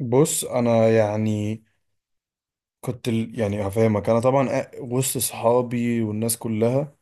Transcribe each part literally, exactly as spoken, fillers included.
بص انا يعني كنت ال- يعني هفهمك. انا طبعا، أ- وسط صحابي والناس كلها،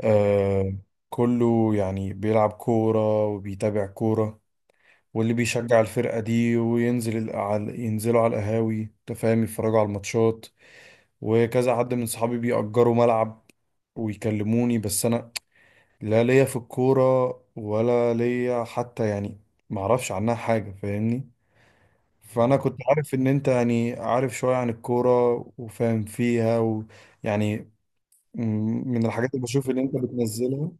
آه، كله يعني بيلعب كورة وبيتابع كورة. واللي بيشجع الفرقة دي وينزل ال- على ينزلوا على القهاوي، أنت فاهم، يتفرجوا على الماتشات. وكذا حد من صحابي بيأجروا ملعب ويكلموني، بس انا لا ليا في الكورة، ولا ليا حتى يعني معرفش عنها حاجة، فاهمني. فانا كنت عارف ان انت يعني عارف شوية عن الكورة وفاهم فيها، ويعني م- من الحاجات اللي بشوف ان انت بتنزلها.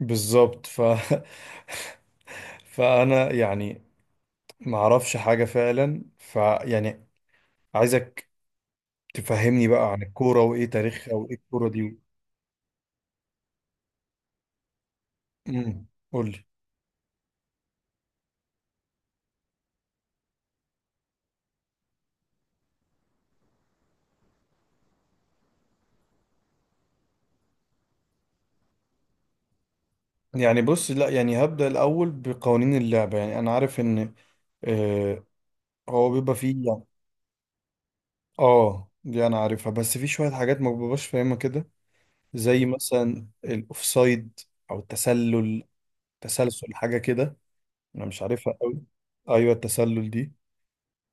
بالظبط، ف فانا يعني ما اعرفش حاجة فعلا، فيعني عايزك تفهمني بقى عن الكورة، وايه تاريخها، وايه الكورة دي. امم قول لي. يعني بص، لا يعني هبدأ الاول بقوانين اللعبة. يعني انا عارف ان آه هو بيبقى فيه يعني. اه، دي انا عارفها، بس في شوية حاجات ما ببقاش فاهمها كده، زي مثلا الاوفسايد او التسلل، تسلسل حاجه كده، انا مش عارفها قوي. ايوه، التسلل دي،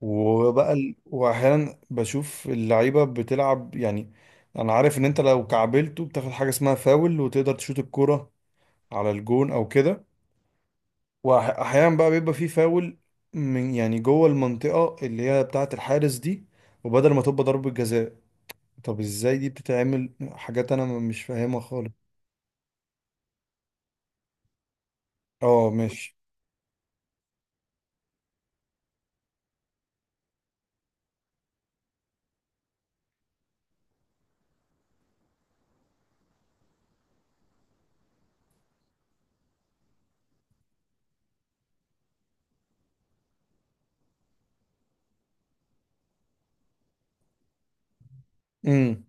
وبقى ال... واحيانا بشوف اللعيبه بتلعب، يعني انا عارف ان انت لو كعبلته بتاخد حاجه اسمها فاول، وتقدر تشوط الكرة على الجون او كده. واحيانا بقى بيبقى فيه فاول من يعني جوه المنطقه اللي هي بتاعه الحارس دي، وبدل ما تبقى ضربة جزاء، طب ازاي دي بتتعمل؟ حاجات انا مش فاهمها خالص. اه، ماشي. امم.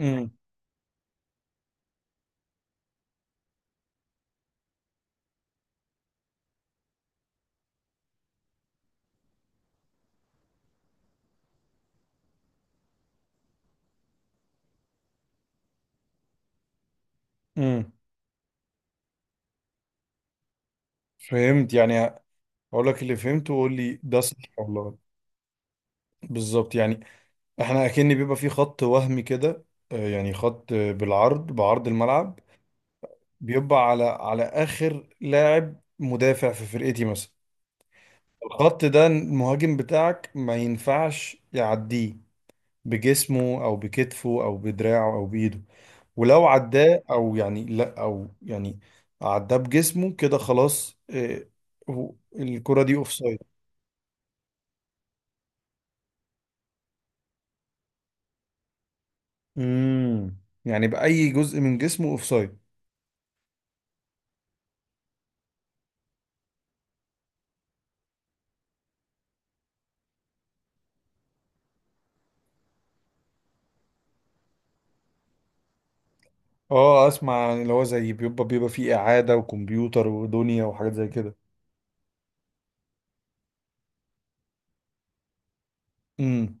امم. امم. فهمت يعني، اقول لك اللي فهمته وقول لي ده صح ولا غلط؟ بالظبط، يعني احنا اكن بيبقى في خط وهمي كده، آه، يعني خط آه، بالعرض، بعرض الملعب. بيبقى على على اخر لاعب مدافع في فرقتي مثلا. الخط ده المهاجم بتاعك ما ينفعش يعديه بجسمه او بكتفه او بدراعه او بايده. ولو عداه، او يعني لا، او يعني عداه بجسمه كده، خلاص، آه، هو- الكرة دي اوفسايد. امم، يعني بأي جزء من جسمه اوفسايد. اه، اسمع، اللي هو زي بيبقى بيبقى فيه إعادة وكمبيوتر ودنيا وحاجات زي كده. امم،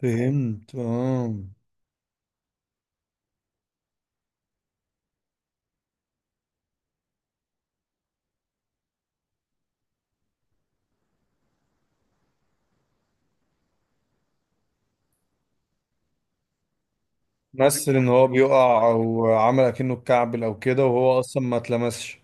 فهمت اه، مثل ان هو بيقع او عمل اكنه اتكعبل او كده، وهو اصلا ما اتلمسش.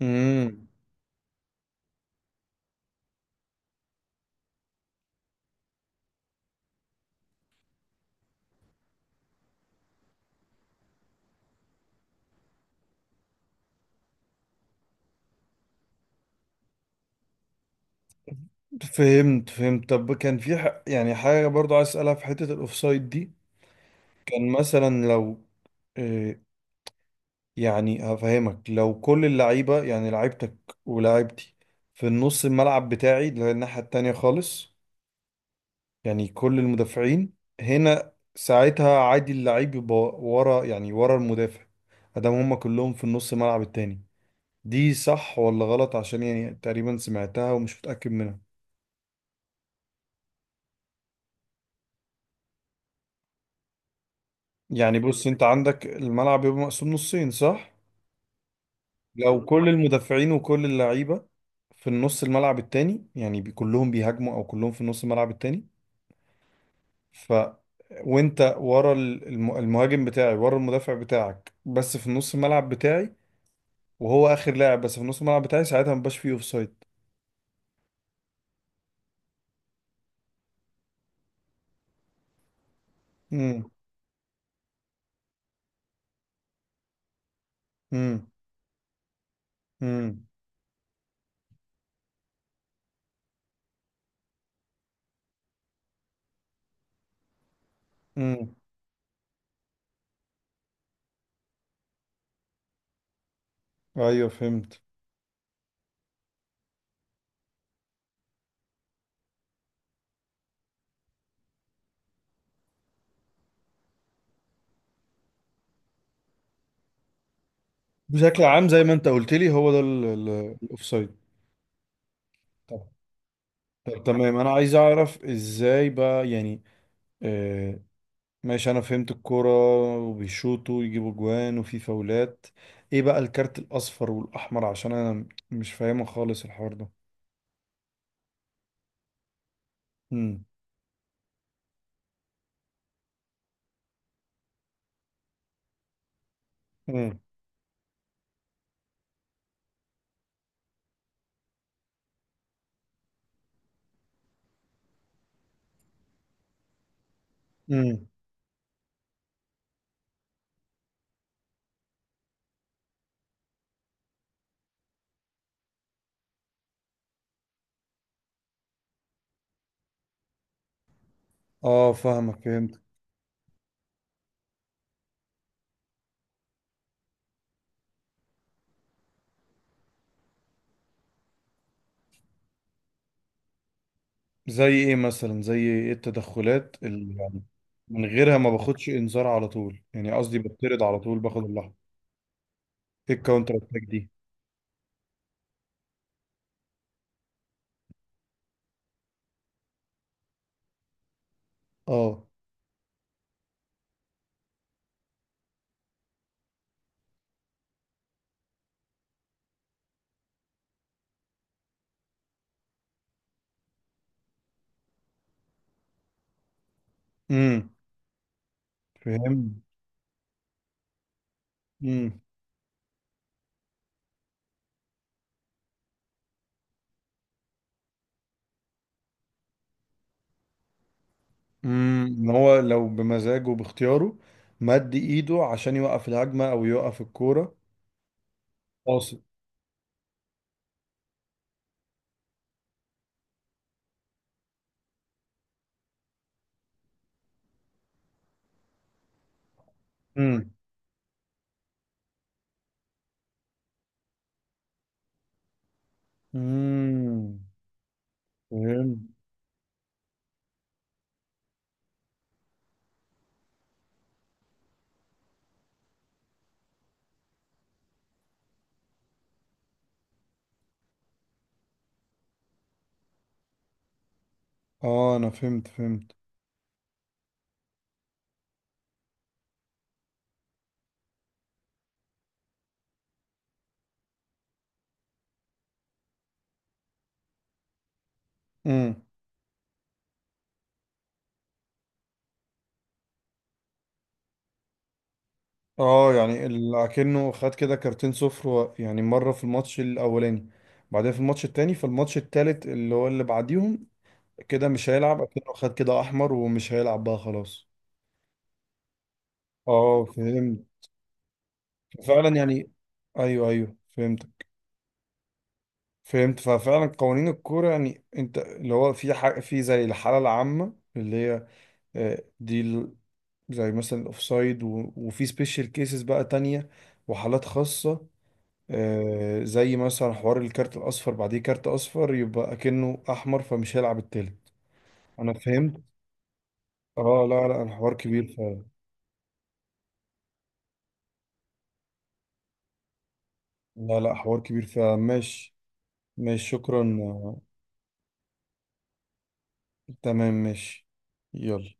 امم، فهمت فهمت. طب كان في ح... يعني حاجة برضو عايز اسألها في حتة الاوفسايد دي. كان مثلا لو، آه، يعني هفهمك، لو كل اللعيبة يعني لعيبتك ولاعيبتي في النص الملعب بتاعي اللي هي الناحية التانية خالص. يعني كل المدافعين هنا ساعتها عادي اللعيب يبقى ورا، يعني ورا المدافع، ادام هما كلهم في النص الملعب التاني. دي صح ولا غلط؟ عشان يعني تقريبا سمعتها ومش متأكد منها. يعني بص، انت عندك الملعب يبقى مقسوم نصين، صح؟ لو كل المدافعين وكل اللعيبة في النص الملعب التاني، يعني بي- كلهم بيهاجموا او كلهم في النص الملعب التاني. ف وانت ورا ال- الم- المهاجم بتاعي، ورا المدافع بتاعك، بس في نص الملعب بتاعي. وهو اخر لاعب بس في نص الملعب بتاعي، ساعتها مبقاش فيه اوف سايد. امم. امم. امم. امم. ايوه، فهمت. بشكل عام زي ما انت قلت لي هو ده الاوف سايد. طب طب تمام، انا عايز اعرف ازاي بقى يعني آه ماشي. انا فهمت الكوره، وبيشوطوا ويجيبوا جوان، وفي فاولات. ايه بقى الكارت الاصفر والاحمر؟ عشان انا مش فاهمه خالص الحوار ده. امم. امم. اه، فاهمك، فهمت. زي ايه مثلا؟ زي ايه التدخلات اللي يعني من غيرها ما باخدش انذار على طول، يعني قصدي بطرد على طول باخد اللحظه؟ ايه الكاونتر اتاك دي؟ اه. امم، فهمت. امم. امم، ان هو لو بمزاجه باختياره مد ايده عشان يوقف الهجمه او يوقف الكوره. قاصد. امم. امم، فهمت اه، انا فهمت فهمت. اه، يعني ال- اكنه خد كده كارتين صفر، و- يعني مره في الماتش الاولاني، بعدين في الماتش التاني، في الماتش التالت اللي هو اللي بعديهم، كده مش هيلعب، اكنه خد كده احمر ومش هيلعب بقى خلاص. اه، فهمت فعلا يعني. ايوه ايوه، فهمت. فهمت ففعلا قوانين الكوره يعني انت اللي هو في حاجه في زي الحاله العامه اللي هي آه، دي ال- زي مثلا الاوفسايد، و- وفي سبيشال كيسز بقى تانية، وحالات خاصه. آه، زي مثلا حوار الكارت الاصفر بعديه كارت اصفر يبقى اكنه احمر فمش هيلعب التالت. انا فهمت. اه، لا لا، الحوار كبير فعلا. لا لا، حوار كبير فعلا، ماشي. ماشي، شكرا، آه، تمام، ماشي، يلا.